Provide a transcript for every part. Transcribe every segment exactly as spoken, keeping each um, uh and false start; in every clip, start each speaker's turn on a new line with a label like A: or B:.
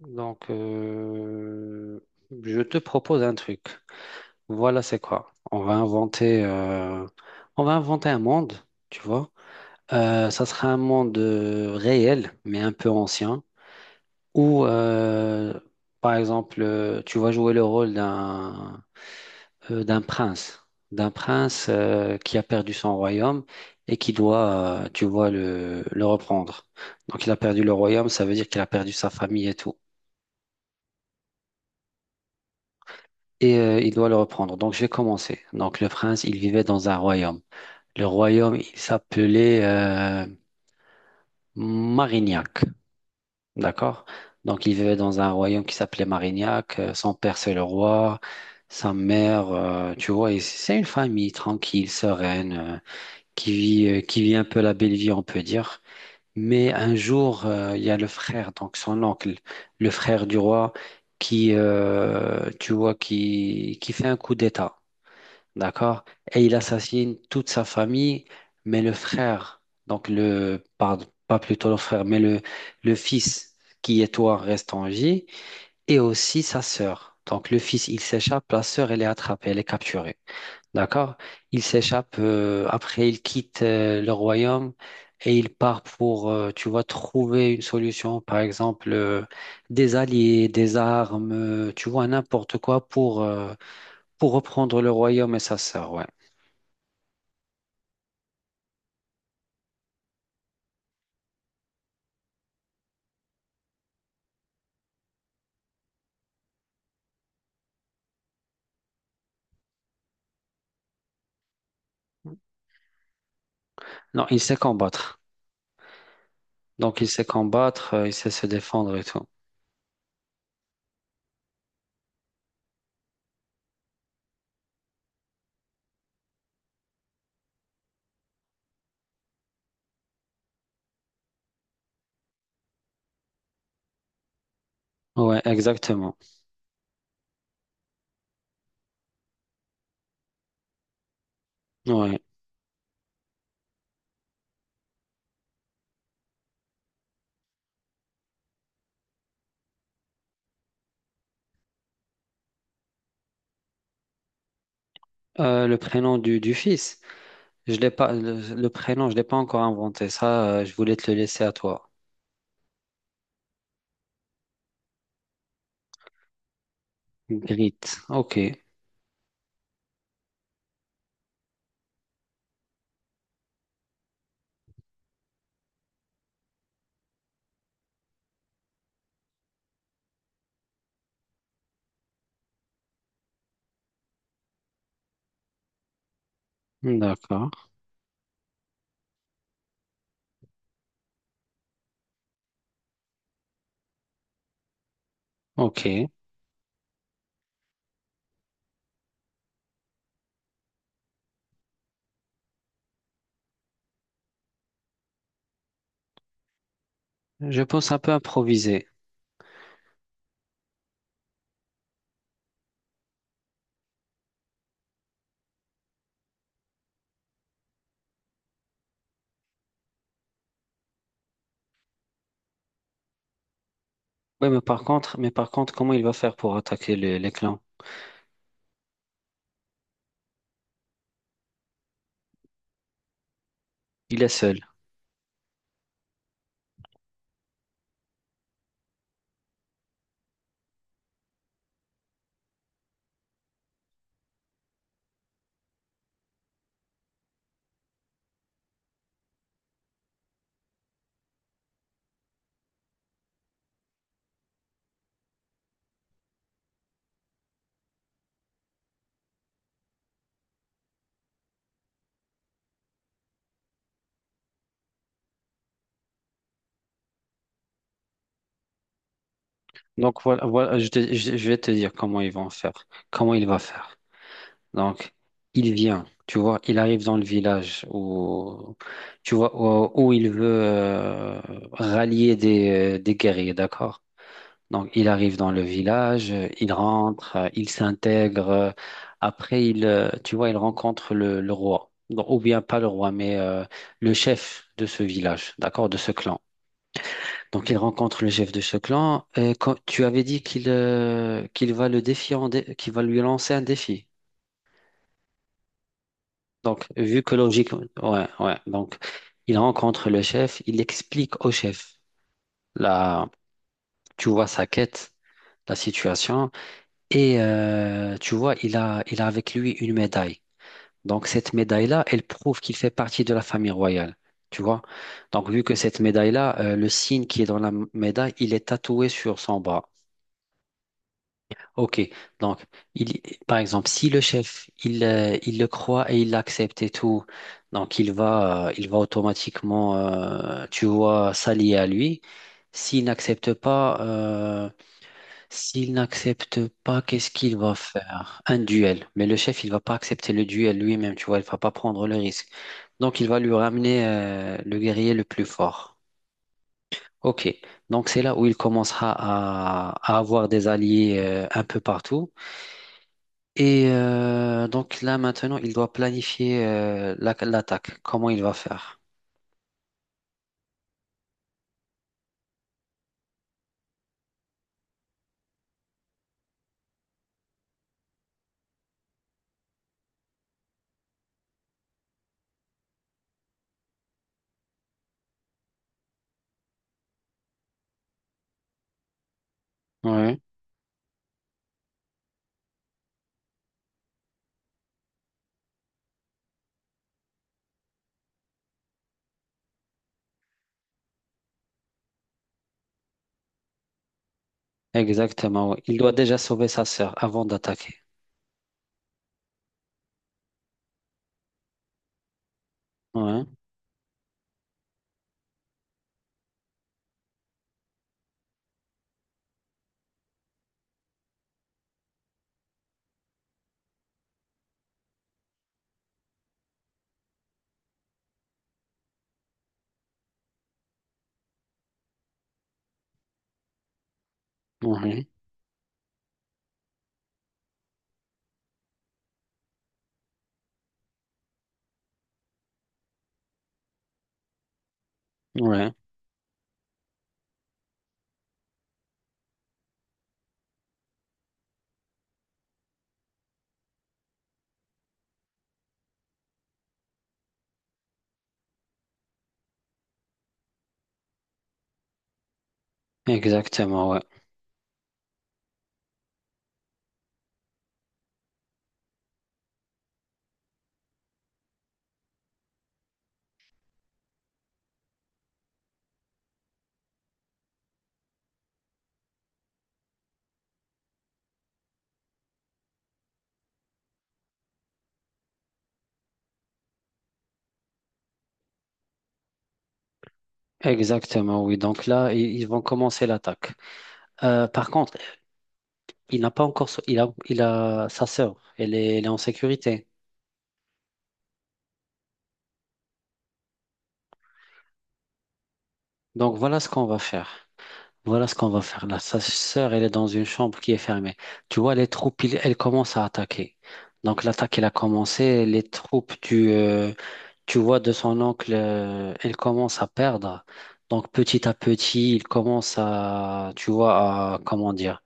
A: Donc, euh, je te propose un truc. Voilà, c'est quoi? On va inventer, euh, on va inventer un monde, tu vois. Euh, ça sera un monde euh, réel, mais un peu ancien, où, euh, par exemple, euh, tu vas jouer le rôle d'un euh, d'un prince, d'un prince euh, qui a perdu son royaume et qui doit, euh, tu vois, le, le reprendre. Donc, il a perdu le royaume, ça veut dire qu'il a perdu sa famille et tout. et euh, il doit le reprendre. Donc, je vais commencer. Donc, le prince, il vivait dans un royaume. Le royaume, il s'appelait euh, Marignac. D'accord? Donc, il vivait dans un royaume qui s'appelait Marignac. Euh, Son père, c'est le roi. Sa mère, euh, tu vois, et c'est une famille tranquille, sereine, euh, qui vit, euh, qui vit un peu la belle vie, on peut dire. Mais un jour, euh, il y a le frère, donc son oncle, le frère du roi, qui, euh, tu vois, qui, qui fait un coup d'État. D'accord? Et il assassine toute sa famille, mais le frère, donc le, pardon, pas plutôt le frère, mais le, le fils qui est toi reste en vie, et aussi sa sœur. Donc le fils, il s'échappe, la sœur, elle est attrapée, elle est capturée. D'accord? Il s'échappe, euh, après il quitte euh, le royaume et il part pour, euh, tu vois, trouver une solution, par exemple, euh, des alliés, des armes, euh, tu vois, n'importe quoi pour, euh, pour reprendre le royaume et sa sœur, ouais. Non, il sait combattre. Donc, il sait combattre, euh, il sait se défendre et tout. Ouais, exactement. Ouais. Euh, le prénom du, du fils, je l'ai pas, le, le prénom, je l'ai pas encore inventé. Ça, euh, je voulais te le laisser à toi. Grit. Ok. D'accord. Ok. Je pense un peu improviser. Ouais, mais par contre, mais par contre, comment il va faire pour attaquer les, les clans? Il est seul. Donc voilà, voilà, je, te- je- je vais te dire comment ils vont faire, comment il va faire. Donc, il vient, tu vois, il arrive dans le village où, tu vois, où, où il veut euh, rallier des, euh, des guerriers, d'accord? Donc, il arrive dans le village, euh, il rentre, euh, il s'intègre. euh, Après, il, euh, tu vois, il rencontre le, le roi. Donc, ou bien pas le roi, mais euh, le chef de ce village, d'accord, de ce clan. Donc, il rencontre le chef de ce clan. Euh, quand, tu avais dit qu'il euh, qu'il va le défier, en dé- qu'il va lui lancer un défi. Donc, vu que logique, ouais, ouais. Donc, il rencontre le chef, il explique au chef. Là, tu vois sa quête, la situation. Et euh, tu vois, il a, il a avec lui une médaille. Donc, cette médaille-là, elle prouve qu'il fait partie de la famille royale. Tu vois? Donc, vu que cette médaille-là, euh, le signe qui est dans la m- médaille, il est tatoué sur son bras. Ok, donc il, par exemple, si le chef il, euh, il le croit et il l'accepte et tout, donc il va euh, il va automatiquement euh, tu vois s'allier à lui. S'il n'accepte pas euh, s'il n'accepte pas, qu'est-ce qu'il va faire? Un duel. Mais le chef il va pas accepter le duel lui-même, tu vois, il va pas prendre le risque. Donc il va lui ramener euh, le guerrier le plus fort. Ok, donc c'est là où il commencera à, à avoir des alliés euh, un peu partout. Et euh, donc là maintenant, il doit planifier euh, la- l'attaque, comment il va faire. Oui, exactement. Ouais. Il doit déjà sauver sa sœur avant d'attaquer. Oui, oui, oui, exactement. Ouais. Exactement, oui. Donc là, i- ils vont commencer l'attaque. Euh, par contre, il n'a pas encore, sau- il a, il a sa sœur. Elle est, elle est en sécurité. Donc voilà ce qu'on va faire. Voilà ce qu'on va faire là. Sa sœur, elle est dans une chambre qui est fermée. Tu vois, les troupes, ils- elles commencent à attaquer. Donc l'attaque, elle a commencé. Les troupes, tu, euh, tu vois, de son oncle, euh, elles commencent à perdre. Donc petit à petit, il commence à, tu vois, à, comment dire,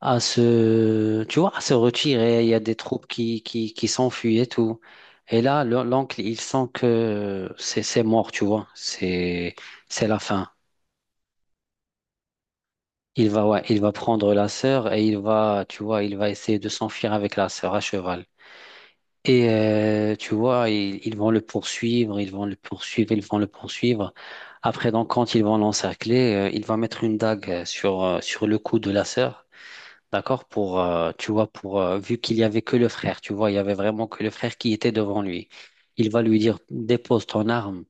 A: à se, tu vois, à se retirer. Il y a des troupes qui, qui, qui s'enfuient et tout. Et là, le- l'oncle, il sent que euh, c'est c'est mort, tu vois. C'est, c'est la fin. Il va, ouais, il va prendre la sœur et il va, tu vois, il va essayer de s'enfuir avec la sœur à cheval. Et euh, tu vois, ils, ils vont le poursuivre, ils vont le poursuivre, ils vont le poursuivre. Après, donc, quand ils vont l'encercler, euh, il va mettre une dague sur, euh, sur le cou de la sœur, d'accord? Pour, euh, tu vois, pour, euh, vu qu'il y avait que le frère, tu vois, il y avait vraiment que le frère qui était devant lui. Il va lui dire, dépose ton arme,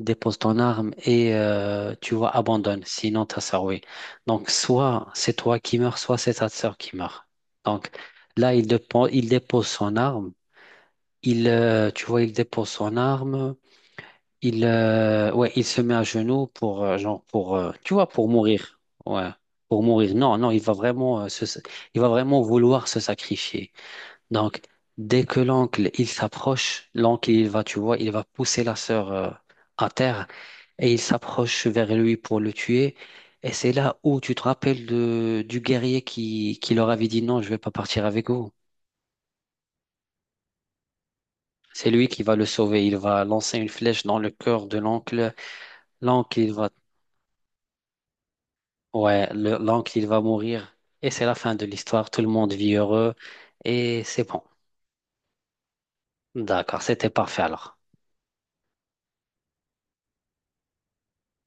A: dépose ton arme et euh, tu vois, abandonne, sinon ta sœur, oui. Donc, soit c'est toi qui meurs, soit c'est ta sœur qui meurt. Donc, là, il, dépo- il dépose son arme, il, euh, tu vois, il dépose son arme, il, euh, ouais, il se met à genoux pour, euh, genre, pour, euh, tu vois, pour mourir, ouais, pour mourir. Non, non, il va vraiment, euh, se- il va vraiment vouloir se sacrifier. Donc, dès que l'oncle, il s'approche, l'oncle, il va, tu vois, il va pousser la sœur, euh, à terre et il s'approche vers lui pour le tuer. Et c'est là où tu te rappelles de, du guerrier qui, qui leur avait dit non, je vais pas partir avec vous. C'est lui qui va le sauver. Il va lancer une flèche dans le cœur de l'oncle. L'oncle, il va, ouais, le- l'oncle, il va mourir. Et c'est la fin de l'histoire. Tout le monde vit heureux. Et c'est bon. D'accord, c'était parfait alors.